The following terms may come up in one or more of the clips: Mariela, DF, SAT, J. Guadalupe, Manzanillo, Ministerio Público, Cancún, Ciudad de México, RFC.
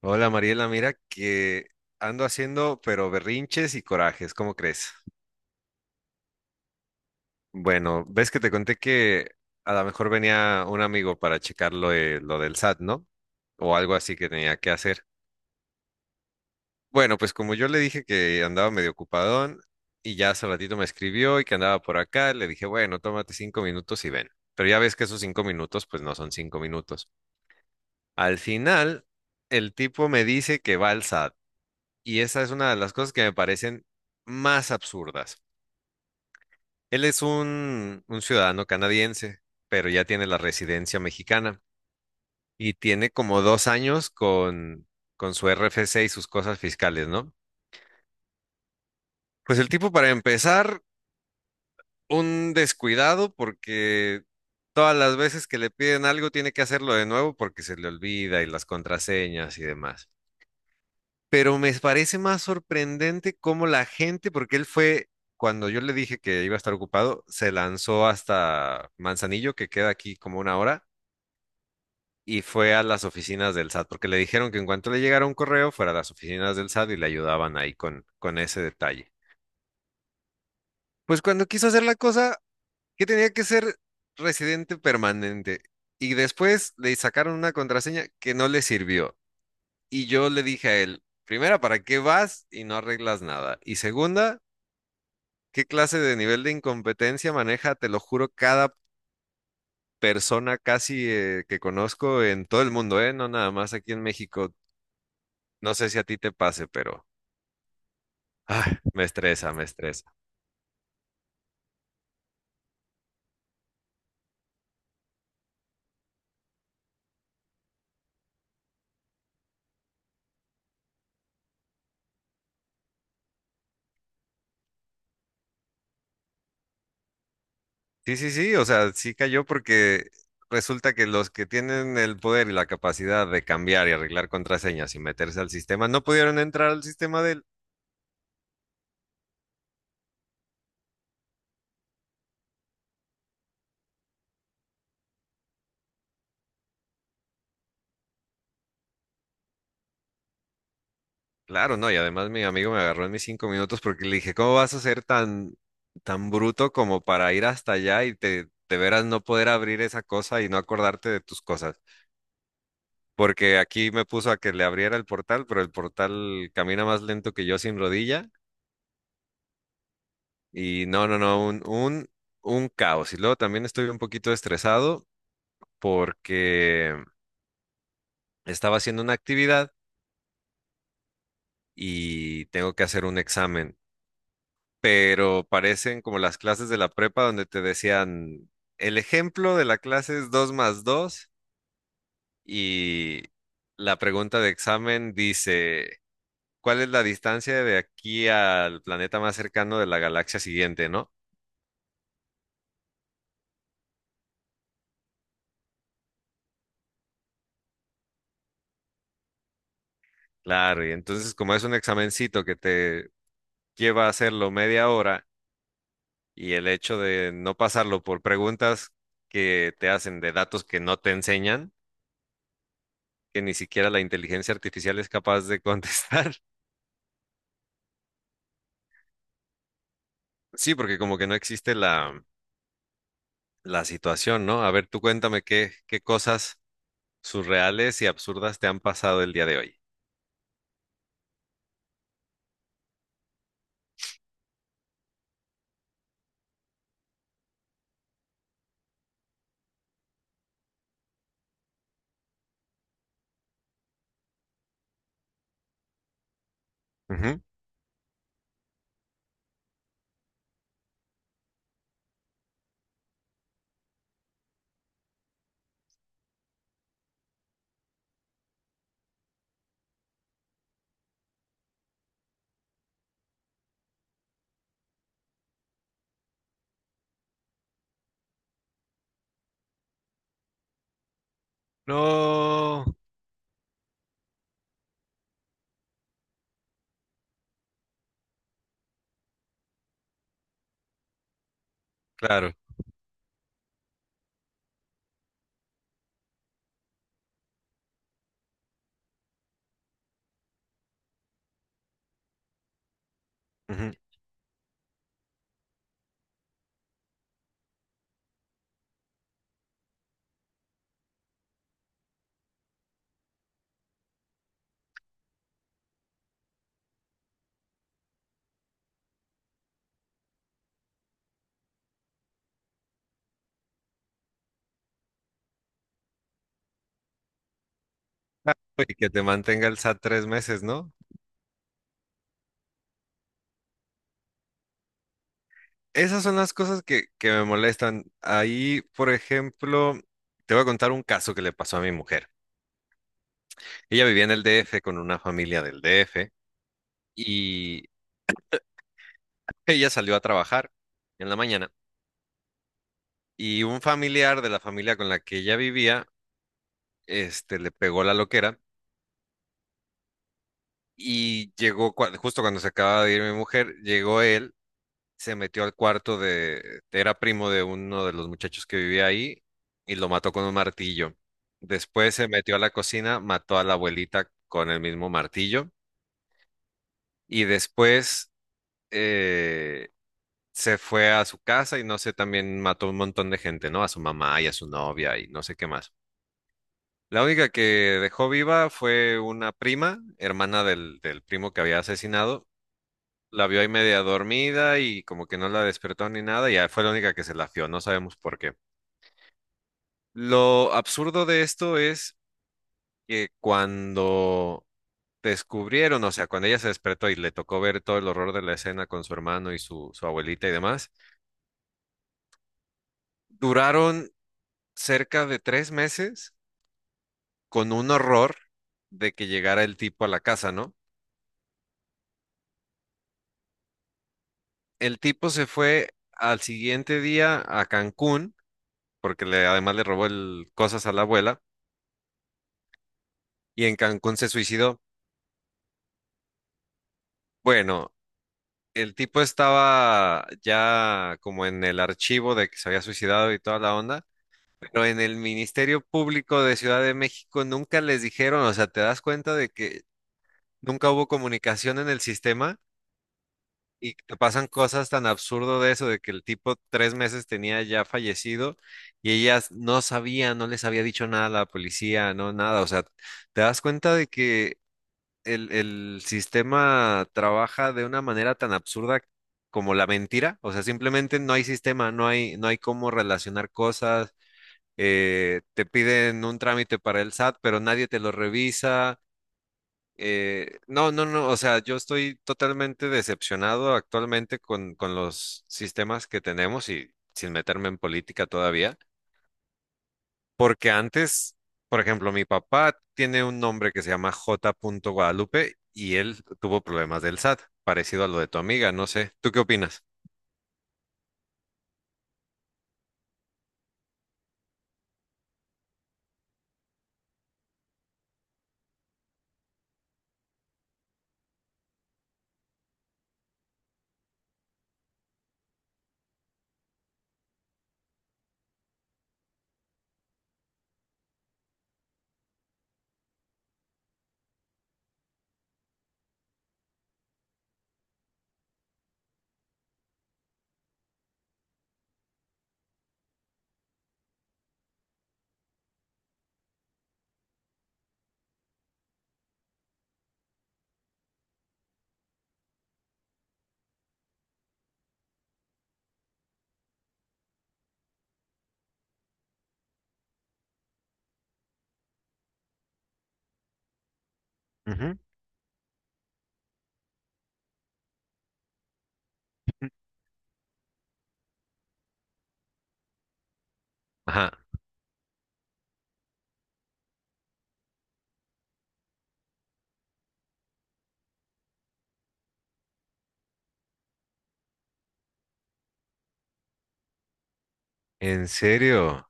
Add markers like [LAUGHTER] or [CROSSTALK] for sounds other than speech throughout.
Hola Mariela, mira que ando haciendo pero berrinches y corajes, ¿cómo crees? Bueno, ves que te conté que a lo mejor venía un amigo para checar lo del SAT, ¿no? O algo así que tenía que hacer. Bueno, pues como yo le dije que andaba medio ocupadón y ya hace ratito me escribió y que andaba por acá, le dije, bueno, tómate cinco minutos y ven. Pero ya ves que esos cinco minutos pues no son cinco minutos. Al final, el tipo me dice que va al SAT. Y esa es una de las cosas que me parecen más absurdas. Él es un ciudadano canadiense, pero ya tiene la residencia mexicana y tiene como dos años con su RFC y sus cosas fiscales, ¿no? Pues el tipo, para empezar, un descuidado porque todas las veces que le piden algo tiene que hacerlo de nuevo porque se le olvida y las contraseñas y demás. Pero me parece más sorprendente cómo la gente, porque él fue, cuando yo le dije que iba a estar ocupado, se lanzó hasta Manzanillo, que queda aquí como una hora, y fue a las oficinas del SAT, porque le dijeron que en cuanto le llegara un correo, fuera a las oficinas del SAT y le ayudaban ahí con ese detalle. Pues cuando quiso hacer la cosa, que tenía que ser residente permanente, y después le sacaron una contraseña que no le sirvió. Y yo le dije a él, primera, ¿para qué vas y no arreglas nada? Y segunda, ¿qué clase de nivel de incompetencia maneja, te lo juro, cada persona casi que conozco en todo el mundo, ¿eh? No nada más aquí en México. No sé si a ti te pase, pero ay, me estresa, me estresa. Sí, sí, sí, o sea, sí cayó porque resulta que los que tienen el poder y la capacidad de cambiar y arreglar contraseñas y meterse al sistema no pudieron entrar al sistema de él. Claro, no, y además mi amigo me agarró en mis cinco minutos porque le dije, ¿cómo vas a ser tan, tan bruto como para ir hasta allá y te, de veras no poder abrir esa cosa y no acordarte de tus cosas? Porque aquí me puso a que le abriera el portal, pero el portal camina más lento que yo sin rodilla y no, no, no, un caos. Y luego también estoy un poquito estresado porque estaba haciendo una actividad y tengo que hacer un examen. Pero parecen como las clases de la prepa donde te decían, el ejemplo de la clase es 2 más 2 y la pregunta de examen dice, ¿cuál es la distancia de aquí al planeta más cercano de la galaxia siguiente, no? Claro, y entonces como es un examencito que te lleva a hacerlo media hora y el hecho de no pasarlo por preguntas que te hacen de datos que no te enseñan, que ni siquiera la inteligencia artificial es capaz de [LAUGHS] contestar. Sí, porque como que no existe la situación, ¿no? A ver, tú cuéntame qué, qué cosas surreales y absurdas te han pasado el día de hoy. Ujú. No, claro. Ujú. Ah, y que te mantenga el SAT tres meses, ¿no? Esas son las cosas que me molestan. Ahí, por ejemplo, te voy a contar un caso que le pasó a mi mujer. Ella vivía en el DF con una familia del DF y ella salió a trabajar en la mañana y un familiar de la familia con la que ella vivía este, le pegó la loquera y llegó, justo cuando se acaba de ir mi mujer, llegó él, se metió al cuarto de, era primo de uno de los muchachos que vivía ahí y lo mató con un martillo. Después se metió a la cocina, mató a la abuelita con el mismo martillo y después eh, se fue a su casa y no sé, también mató un montón de gente, ¿no? A su mamá y a su novia y no sé qué más. La única que dejó viva fue una prima, hermana del primo que había asesinado, la vio ahí media dormida y como que no la despertó ni nada, y ya fue la única que se la fió, no sabemos por qué. Lo absurdo de esto es que cuando descubrieron, o sea, cuando ella se despertó y le tocó ver todo el horror de la escena con su hermano y su abuelita y demás, duraron cerca de tres meses con un horror de que llegara el tipo a la casa, ¿no? El tipo se fue al siguiente día a Cancún, porque además le robó cosas a la abuela, y en Cancún se suicidó. Bueno, el tipo estaba ya como en el archivo de que se había suicidado y toda la onda, pero en el Ministerio Público de Ciudad de México nunca les dijeron, o sea, te das cuenta de que nunca hubo comunicación en el sistema y te pasan cosas tan absurdo de eso, de que el tipo tres meses tenía ya fallecido y ellas no sabían, no les había dicho nada a la policía, no nada, o sea, te das cuenta de que el sistema trabaja de una manera tan absurda como la mentira. O sea, simplemente no hay sistema, no hay, no hay cómo relacionar cosas. Eh, te piden un trámite para el SAT, pero nadie te lo revisa. Eh, no, no, no. O sea, yo estoy totalmente decepcionado actualmente con los sistemas que tenemos y sin meterme en política todavía. Porque antes, por ejemplo, mi papá tiene un nombre que se llama J. Guadalupe y él tuvo problemas del SAT, parecido a lo de tu amiga, no sé. ¿Tú qué opinas? Ujú. Ajá, ¿en serio?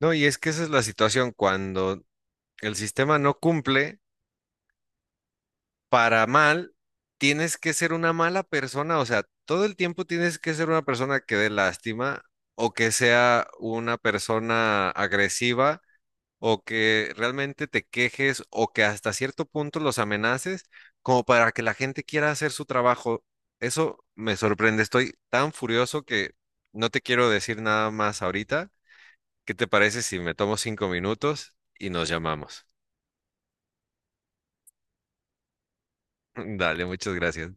No, y es que esa es la situación cuando el sistema no cumple para mal, tienes que ser una mala persona, o sea, todo el tiempo tienes que ser una persona que dé lástima o que sea una persona agresiva o que realmente te quejes o que hasta cierto punto los amenaces como para que la gente quiera hacer su trabajo. Eso me sorprende. Estoy tan furioso que no te quiero decir nada más ahorita. ¿Qué te parece si me tomo cinco minutos y nos llamamos? [LAUGHS] Dale, muchas gracias.